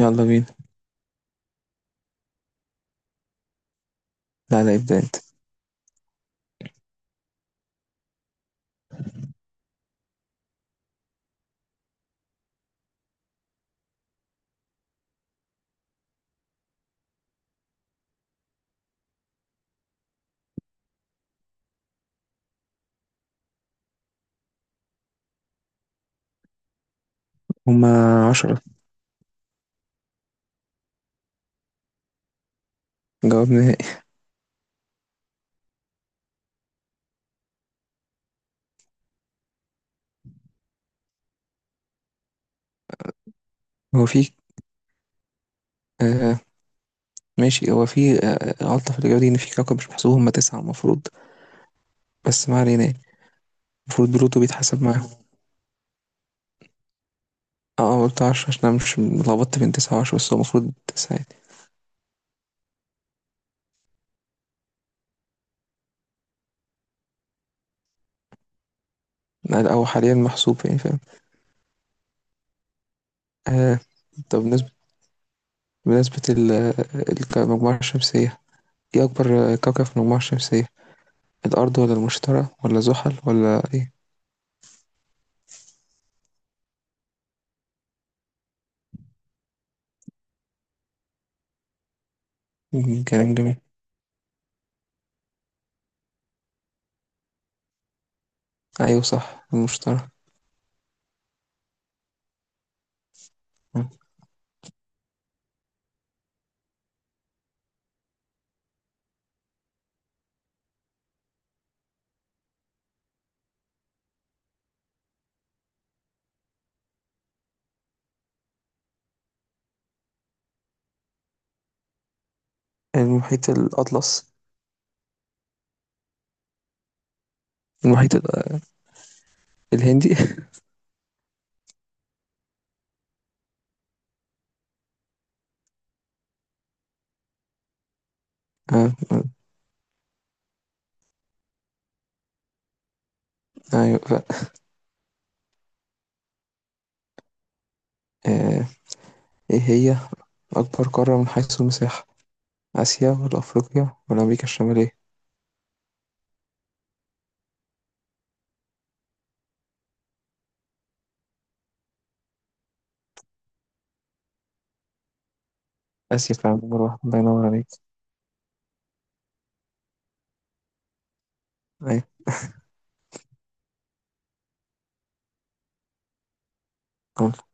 يلا بينا. لا، لا، ابدأ انت. هما عشرة. جواب نهائي. هو في آه ماشي. هو في آه غلطة في الإجابة دي، إن في كوكب مش محسوب، هما تسعة المفروض. بس ما علينا يعني. المفروض بلوتو بيتحسب معاهم. اه، أنا قلت عشرة عشان أنا مش لخبطت بين تسعة وعشرة، بس هو المفروض تسعة يعني. لا، هو حاليا محسوب، يعني فاهم. آه، طب بالنسبة، بالنسبة ال- المجموعة الشمسية، ايه أكبر كوكب في المجموعة الشمسية؟ الأرض ولا المشتري ولا زحل ولا ايه؟ كلام جميل. أيوه صح، المشتري. المحيط الأطلس. المحيط الهندي. آه، آه. أيوة، آه. إيه هي أكبر قارة من حيث المساحة؟ آسيا ولا أفريقيا ولا أمريكا الشمالية؟ آسيا فعلا، نمبر واحد. الله ينور عليك. أيوة آه.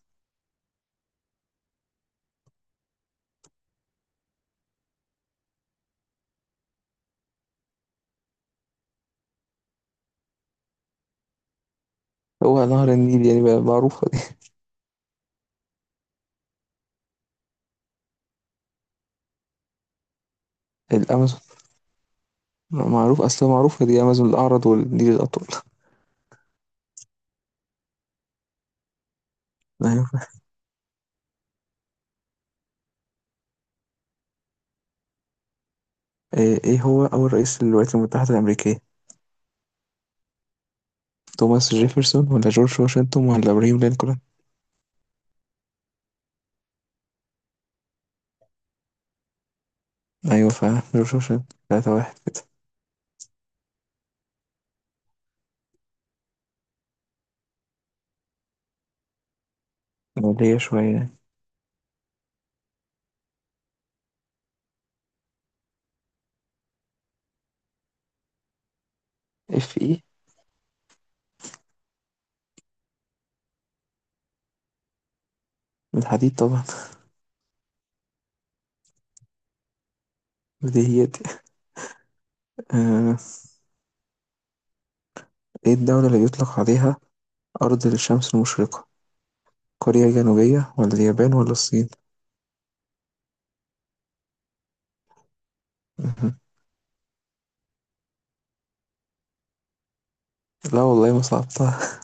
هو نهر النيل يعني، بقى معروفة دي. الأمازون. معروف أصلا، معروفة دي. أمازون الأعرض والنيل الأطول. أيوة آه. إيه، هو أول رئيس للولايات المتحدة الأمريكية؟ توماس جيفرسون ولا جورج واشنطن ولا إبراهيم لينكولن؟ أيوة فعلا، جورج واشنطن. تلاتة واحد كده. مولية شوية يعني. Fe. الحديد طبعًا. بديهياتي. آآ إيه الدولة اللي بيطلق عليها أرض الشمس المشرقة، كوريا الجنوبية والّا اليابان والّا الصين؟ اهم. لا والله، ما صعبتها.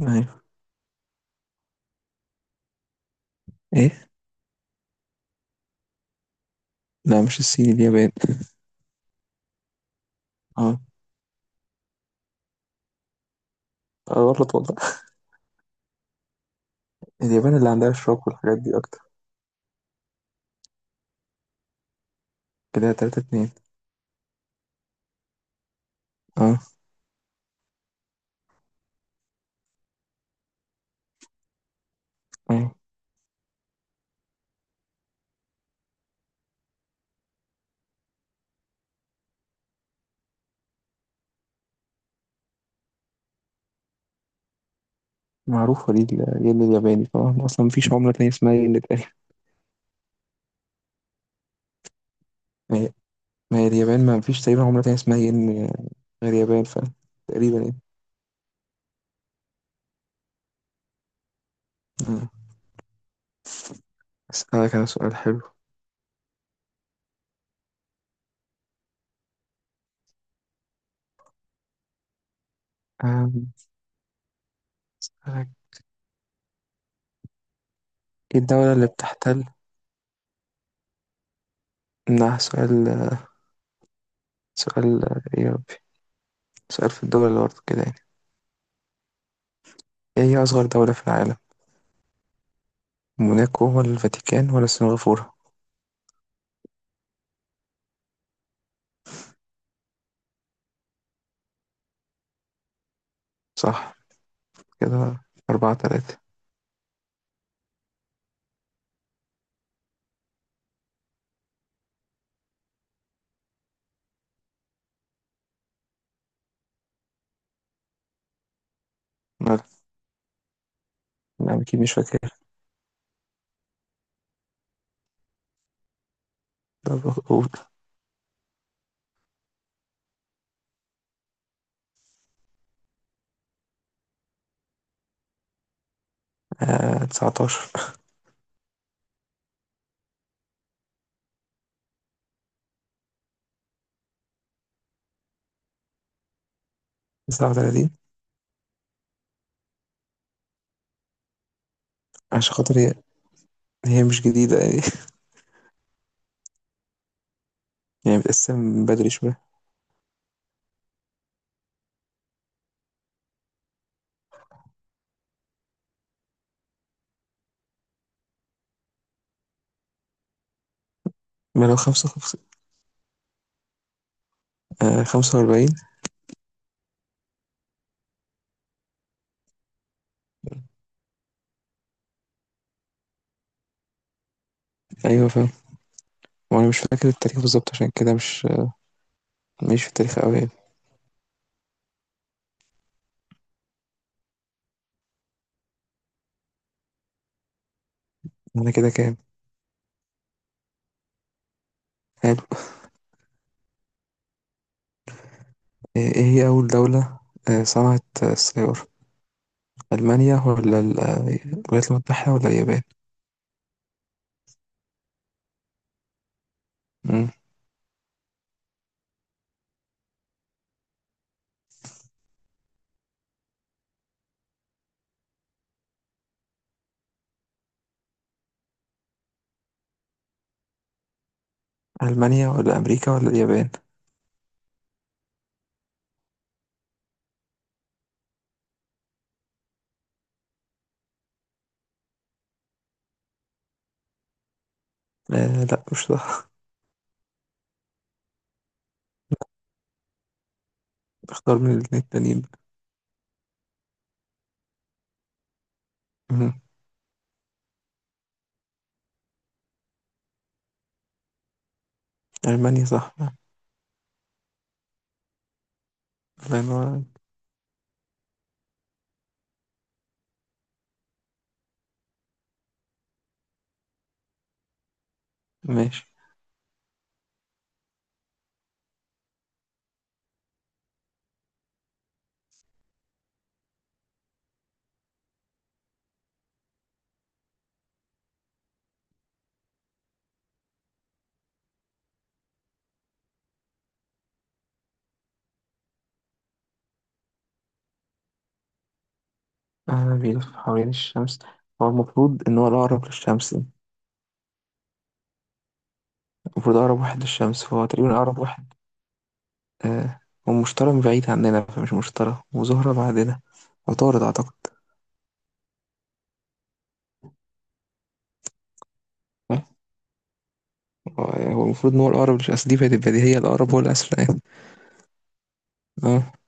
أيوه. إيه؟ لأ، مش الصين، اليابان. آه، آه. غلط والله. اليابان اللي عندها الشوك والحاجات دي أكتر. كده 3، 2. آه، أيوه. معروفة دي، الين الياباني طبعًا، أصلًا ما فيش عملة تانية اسمها ين تقريبًا. ما هي ما هي اليابان، ما فيش تقريبًا عملة تانية اسمها ين غير يابان، تقريبًا يعني. إمم، أسألك أنا سؤال حلو. آمم، أسألك. ايه الدولة اللي بتحتل منها سؤال ايه يا ربي؟ سؤال في الدول اللي برضه كده يعني. ايه هي أصغر دولة في العالم؟ موناكو ولا الفاتيكان ولا سنغافورة؟ صح كده. أربعة تلاتة. مال. أنا أكيد مش فاكر. طب أقول تسعتاشر، تسعة وتلاتين. عشان خاطر هي مش جديدة يعني. يعني متقسم من بدري شوية. ما لو خمسة خمسة. خمسة وأربعين. أيوة فاهم. وأنا مش فاكر التاريخ بالظبط، عشان كده مش. مش في التاريخ أوي يعني. أنا كده كام؟ إيه هي اول دولة صنعت السيارة؟ المانيا ولا الولايات المتحدة ولا اليابان؟ مم. المانيا ولا امريكا ولا اليابان؟ آه، لا مش صح. اختار من الاثنين التانيين. مم. المانيا صح. الله ينور عليك. ماشي، بيلف حوالين الشمس. هو المفروض ان هو الاقرب للشمس. المفروض اقرب واحد للشمس، فهو تقريبا اقرب واحد. آه ومشتري بعيد عننا، فمش مشتري، وزهرة بعدنا. عطارد اعتقد. هو هو المفروض ان هو الاقرب للاسد، دي بقت البديهيه، الاقرب هو الاسد يعني. اه.